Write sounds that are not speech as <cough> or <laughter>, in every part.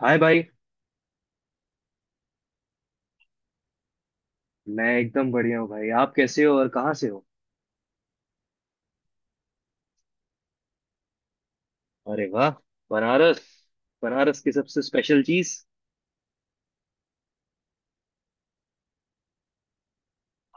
हाय भाई। मैं एकदम बढ़िया हूँ भाई, आप कैसे हो और कहाँ से हो? अरे वाह, बनारस। बनारस की सबसे स्पेशल चीज?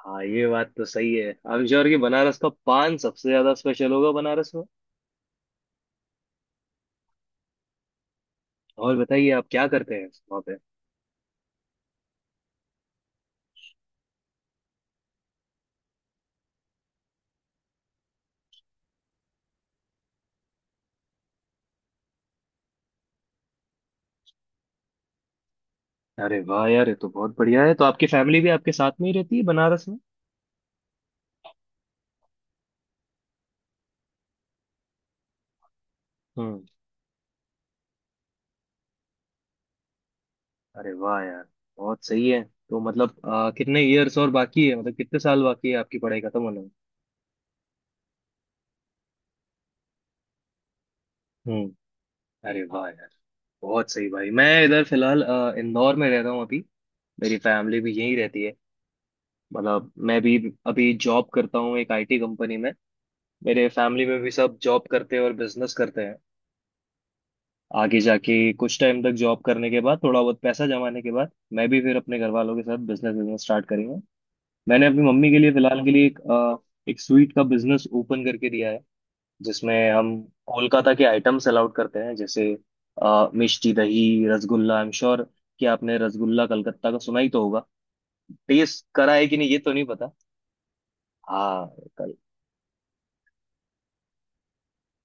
हाँ, ये बात तो सही है, आई एम श्योर कि बनारस का पान सबसे ज्यादा स्पेशल होगा बनारस में। और बताइए आप क्या करते हैं वहाँ पे? अरे वाह यार, ये तो बहुत बढ़िया है। तो आपकी फैमिली भी आपके साथ में ही रहती है बनारस में? हम्म। अरे वाह यार, बहुत सही है। तो मतलब कितने ईयर्स और बाकी है, मतलब कितने साल बाकी है आपकी पढ़ाई खत्म होने में? हम्म। अरे वाह यार, बहुत सही भाई। मैं इधर फिलहाल इंदौर में रह रहा हूँ अभी। मेरी फैमिली भी यहीं रहती है। मतलब मैं भी अभी जॉब करता हूँ एक IT कंपनी में। मेरे फैमिली में भी सब जॉब करते हैं और बिजनेस करते हैं। आगे जाके कुछ टाइम तक जॉब करने के बाद, थोड़ा बहुत पैसा जमाने के बाद, मैं भी फिर अपने घर वालों के साथ बिजनेस बिजनेस स्टार्ट करूंगा। मैंने अपनी मम्मी के लिए फिलहाल के लिए एक स्वीट का बिजनेस ओपन करके दिया है, जिसमें हम कोलकाता के आइटम्स अलाउड करते हैं, जैसे मिष्टी दही, रसगुल्ला। आई एम श्योर कि आपने रसगुल्ला कलकत्ता का सुना ही तो होगा। टेस्ट करा है कि नहीं ये तो नहीं। हाँ, कल।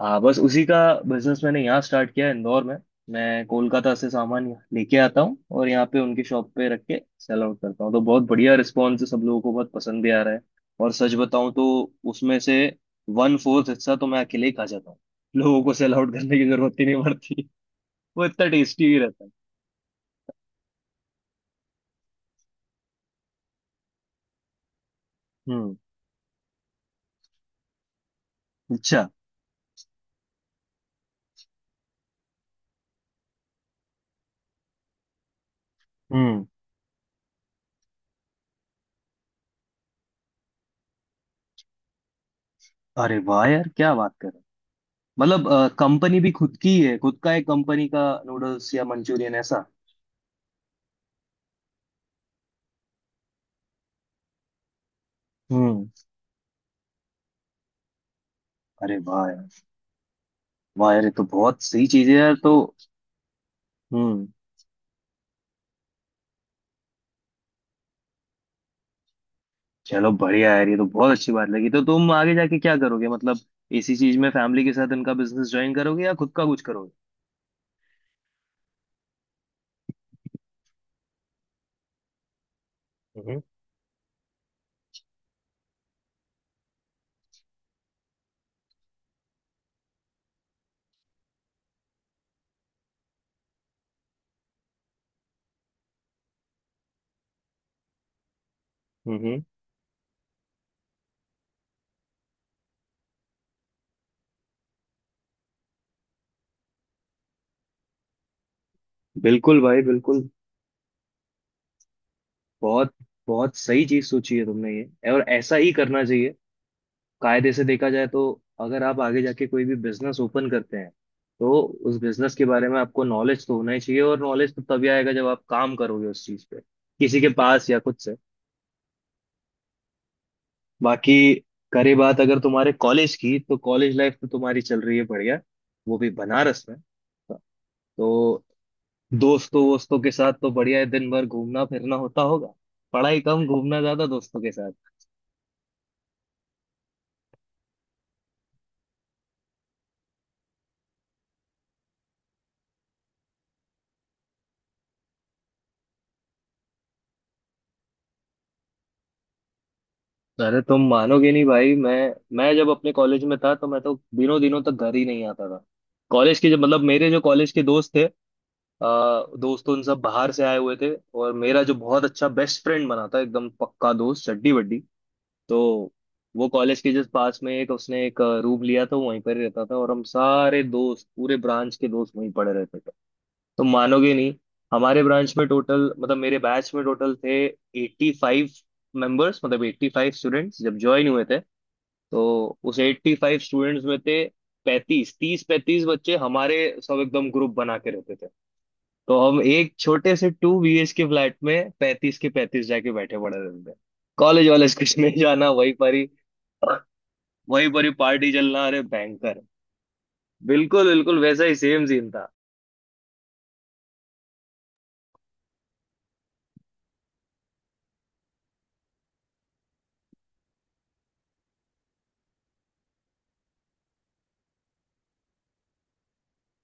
हाँ, बस उसी का बिजनेस मैंने यहाँ स्टार्ट किया है, इंदौर में। मैं कोलकाता से सामान लेके आता हूँ और यहाँ पे उनकी शॉप पे रख के सेल आउट करता हूँ। तो बहुत बढ़िया रिस्पॉन्स है, सब लोगों को बहुत पसंद भी आ रहा है। और सच बताऊँ तो उसमें से 1/4 हिस्सा तो मैं अकेले ही खा जाता हूँ। लोगों को सेल आउट करने की जरूरत ही नहीं पड़ती। <laughs> वो इतना टेस्टी ही रहता है। हम्म। अच्छा। हम्म। अरे वाह यार, क्या बात कर रहे हो! मतलब कंपनी भी खुद की है, खुद का एक कंपनी का नूडल्स या मंचूरियन ऐसा? हम्म। अरे वाह यार, वाह यार, ये तो बहुत सही चीज है यार। तो हम्म, चलो बढ़िया यार, ये तो बहुत अच्छी बात लगी। तो तुम आगे जाके क्या करोगे? मतलब इसी चीज में फैमिली के साथ इनका बिजनेस ज्वाइन करोगे या खुद का कुछ करोगे? हम्म हम्म। बिल्कुल भाई बिल्कुल। बहुत बहुत सही चीज सोची है तुमने ये, और ऐसा ही करना चाहिए। कायदे से देखा जाए तो, अगर आप आगे जाके कोई भी बिजनेस ओपन करते हैं, तो उस बिजनेस के बारे में आपको नॉलेज तो होना ही चाहिए। और नॉलेज तो तभी आएगा जब आप काम करोगे उस चीज पे, किसी के पास या खुद से। बाकी करे बात अगर तुम्हारे कॉलेज की, तो कॉलेज लाइफ तो तुम्हारी चल रही है बढ़िया, वो भी बनारस में। तो दोस्तों वोस्तों के साथ तो बढ़िया है, दिन भर घूमना फिरना होता होगा। पढ़ाई कम, घूमना ज्यादा दोस्तों के साथ। तो अरे तुम मानोगे नहीं भाई, मैं जब अपने कॉलेज में था तो मैं तो दिनों दिनों तक घर ही नहीं आता था। कॉलेज के जब, मतलब मेरे जो कॉलेज के दोस्त थे, आ, दोस्त उन सब बाहर से आए हुए थे। और मेरा जो बहुत अच्छा बेस्ट फ्रेंड बना था, एकदम पक्का दोस्त, चड्डी बड्डी। तो वो कॉलेज के जस्ट पास में एक उसने एक रूम लिया था, वो वहीं पर ही रहता था, और हम सारे दोस्त, पूरे ब्रांच के दोस्त वहीं पड़े रहते थे। तो मानोगे नहीं, हमारे ब्रांच में टोटल, मतलब मेरे बैच में टोटल थे 85 मेंबर्स, मतलब 85 स्टूडेंट्स जब ज्वाइन हुए थे। तो उस 85 स्टूडेंट्स में थे 35, 30 35 बच्चे हमारे, सब एकदम ग्रुप बना के रहते थे। तो हम एक छोटे से 2 BH के फ्लैट में 35 के 35 जाके बैठे पड़े रहते थे। कॉलेज वॉलेज कुछ नहीं। <laughs> जाना वहीं पर ही, वहीं पर ही पार्टी चलना, अरे भयंकर! बिल्कुल बिल्कुल वैसा ही सेम सीन था।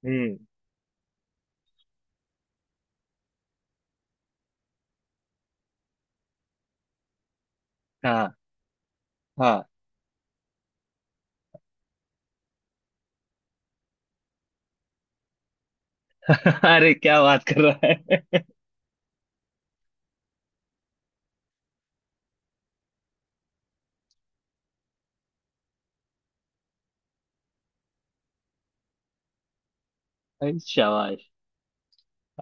हम्म। हाँ हाँ। <laughs> अरे क्या बात कर रहा है! <laughs> अरे शाबाश!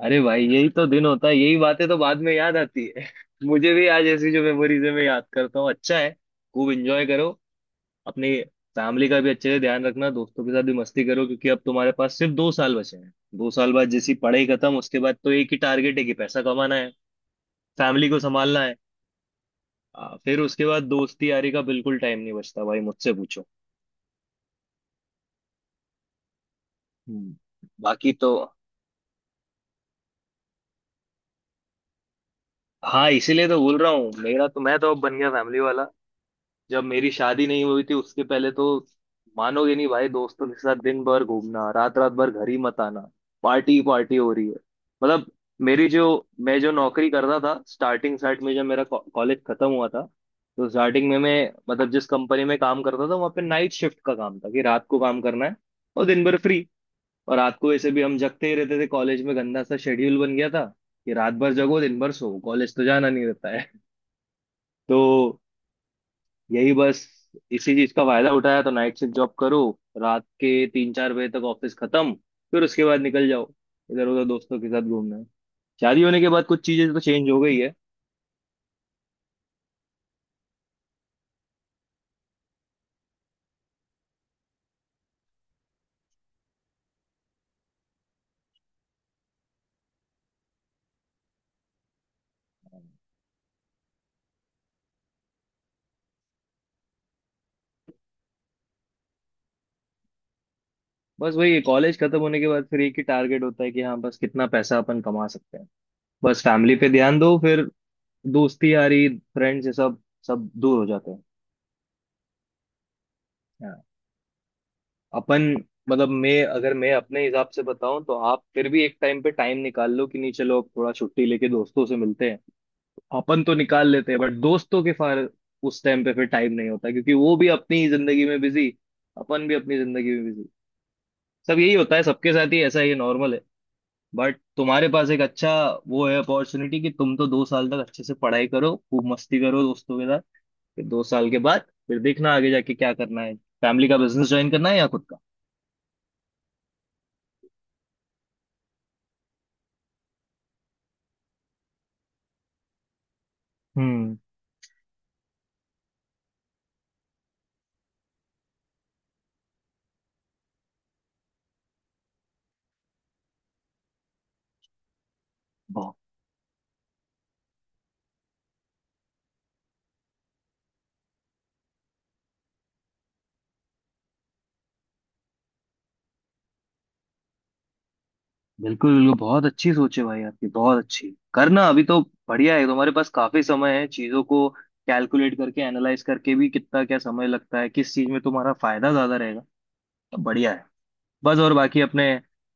अरे भाई, यही तो दिन होता है, यही बातें तो बाद में याद आती है। <laughs> मुझे भी आज ऐसी जो मेमोरीज है मैं याद करता हूँ, अच्छा है। खूब एंजॉय करो अपनी। फैमिली का भी अच्छे से ध्यान रखना, दोस्तों के साथ भी मस्ती करो, क्योंकि अब तुम्हारे पास सिर्फ 2 साल बचे हैं। दो साल बाद जैसी पढ़ाई खत्म, उसके बाद तो एक ही टारगेट है कि पैसा कमाना है, फैमिली को संभालना है। हाँ, फिर उसके बाद दोस्ती यारी का बिल्कुल टाइम नहीं बचता भाई, मुझसे पूछो। हम्म, बाकी तो। हाँ, इसीलिए तो बोल रहा हूँ, मेरा तो, मैं तो अब बन गया फैमिली वाला। जब मेरी शादी नहीं हुई थी उसके पहले तो, मानोगे नहीं भाई, दोस्तों के साथ दिन भर घूमना, रात रात भर घर ही मत आना, पार्टी पार्टी हो रही है। मतलब मेरी जो, मैं जो नौकरी करता था स्टार्टिंग स्टार्ट में जब मेरा कॉलेज खत्म हुआ था, तो स्टार्टिंग में मैं, मतलब जिस कंपनी में काम करता था, वहाँ पे नाइट शिफ्ट का काम था कि रात को काम करना है। और दिन भर फ्री। और रात को ऐसे भी हम जगते ही रहते थे कॉलेज में, गंदा सा शेड्यूल बन गया था कि रात भर जगो, दिन भर सो, कॉलेज तो जाना नहीं रहता है। <laughs> तो यही बस, इसी चीज का फायदा उठाया तो नाइट शिफ्ट जॉब करो, रात के 3 4 बजे तक ऑफिस खत्म, फिर उसके बाद निकल जाओ इधर उधर, दोस्तों के साथ घूमना है। शादी होने के बाद कुछ चीजें तो चेंज हो गई है। बस वही, कॉलेज खत्म होने के बाद फिर एक ही टारगेट होता है कि हाँ बस कितना पैसा अपन कमा सकते हैं, बस फैमिली पे ध्यान दो। फिर दोस्ती यारी, फ्रेंड्स, ये सब सब दूर हो जाते हैं। हाँ। अपन, मतलब मैं, अगर मैं अपने हिसाब से बताऊं तो आप फिर भी एक टाइम पे टाइम निकाल लो कि नहीं चलो अब थोड़ा छुट्टी लेके दोस्तों से मिलते हैं। अपन तो निकाल लेते हैं बट दोस्तों के फार, उस टाइम पे फिर टाइम नहीं होता, क्योंकि वो भी अपनी जिंदगी में बिजी, अपन भी अपनी जिंदगी में बिजी। सब यही होता है, सबके साथ ही ऐसा ही नॉर्मल है। बट तुम्हारे पास एक अच्छा वो है अपॉर्चुनिटी कि तुम तो 2 साल तक अच्छे से पढ़ाई करो, खूब मस्ती करो दोस्तों के साथ। फिर 2 साल के बाद फिर देखना आगे जाके क्या करना है, फैमिली का बिजनेस ज्वाइन करना है या खुद का। हम्म। बिल्कुल बिल्कुल, बहुत अच्छी सोच है भाई आपकी, बहुत अच्छी करना। अभी तो बढ़िया है, तुम्हारे पास काफी समय है चीजों को कैलकुलेट करके, एनालाइज करके भी, कितना क्या समय लगता है, किस चीज में तुम्हारा फायदा ज्यादा रहेगा। तो बढ़िया है। बस, और बाकी अपने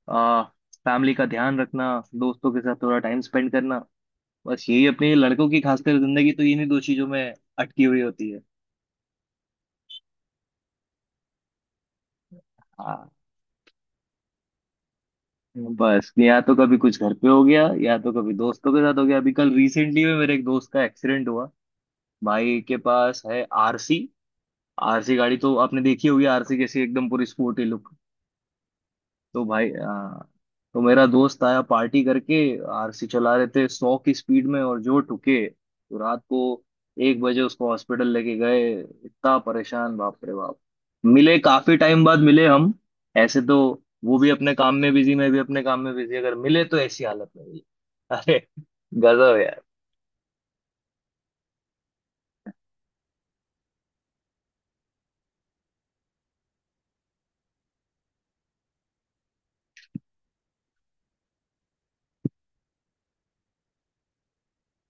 आ, फैमिली का ध्यान रखना, दोस्तों के साथ थोड़ा टाइम स्पेंड करना। बस यही अपनी लड़कों की खासकर जिंदगी तो इन्हीं दो चीजों में अटकी हुई होती है। हाँ, बस या तो कभी कुछ घर पे हो गया या तो कभी दोस्तों के साथ हो गया। अभी कल रिसेंटली में मेरे एक दोस्त का एक्सीडेंट हुआ। भाई के पास है RC। आरसी गाड़ी तो आपने देखी होगी, आरसी कैसी एकदम पूरी स्पोर्टी लुक। तो भाई तो मेरा दोस्त आया पार्टी करके, RC चला रहे थे 100 की स्पीड में, और जो ठुके तो रात को 1 बजे उसको हॉस्पिटल लेके गए। इतना परेशान, बाप रे बाप। मिले काफी टाइम बाद मिले हम। ऐसे तो वो भी अपने काम में बिजी, मैं भी अपने काम में बिजी, अगर मिले तो ऐसी हालत में मिले। अरे, गजब यार।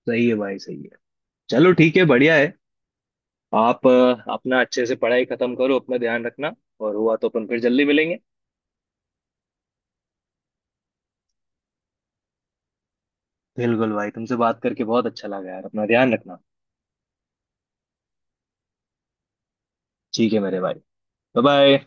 सही है भाई, सही है। चलो ठीक है, बढ़िया है। आप अपना अच्छे से पढ़ाई खत्म करो, अपना ध्यान रखना। और हुआ तो अपन फिर जल्दी मिलेंगे। बिल्कुल भाई, तुमसे बात करके बहुत अच्छा लगा यार, अपना ध्यान रखना। ठीक है मेरे भाई, बाय बाय।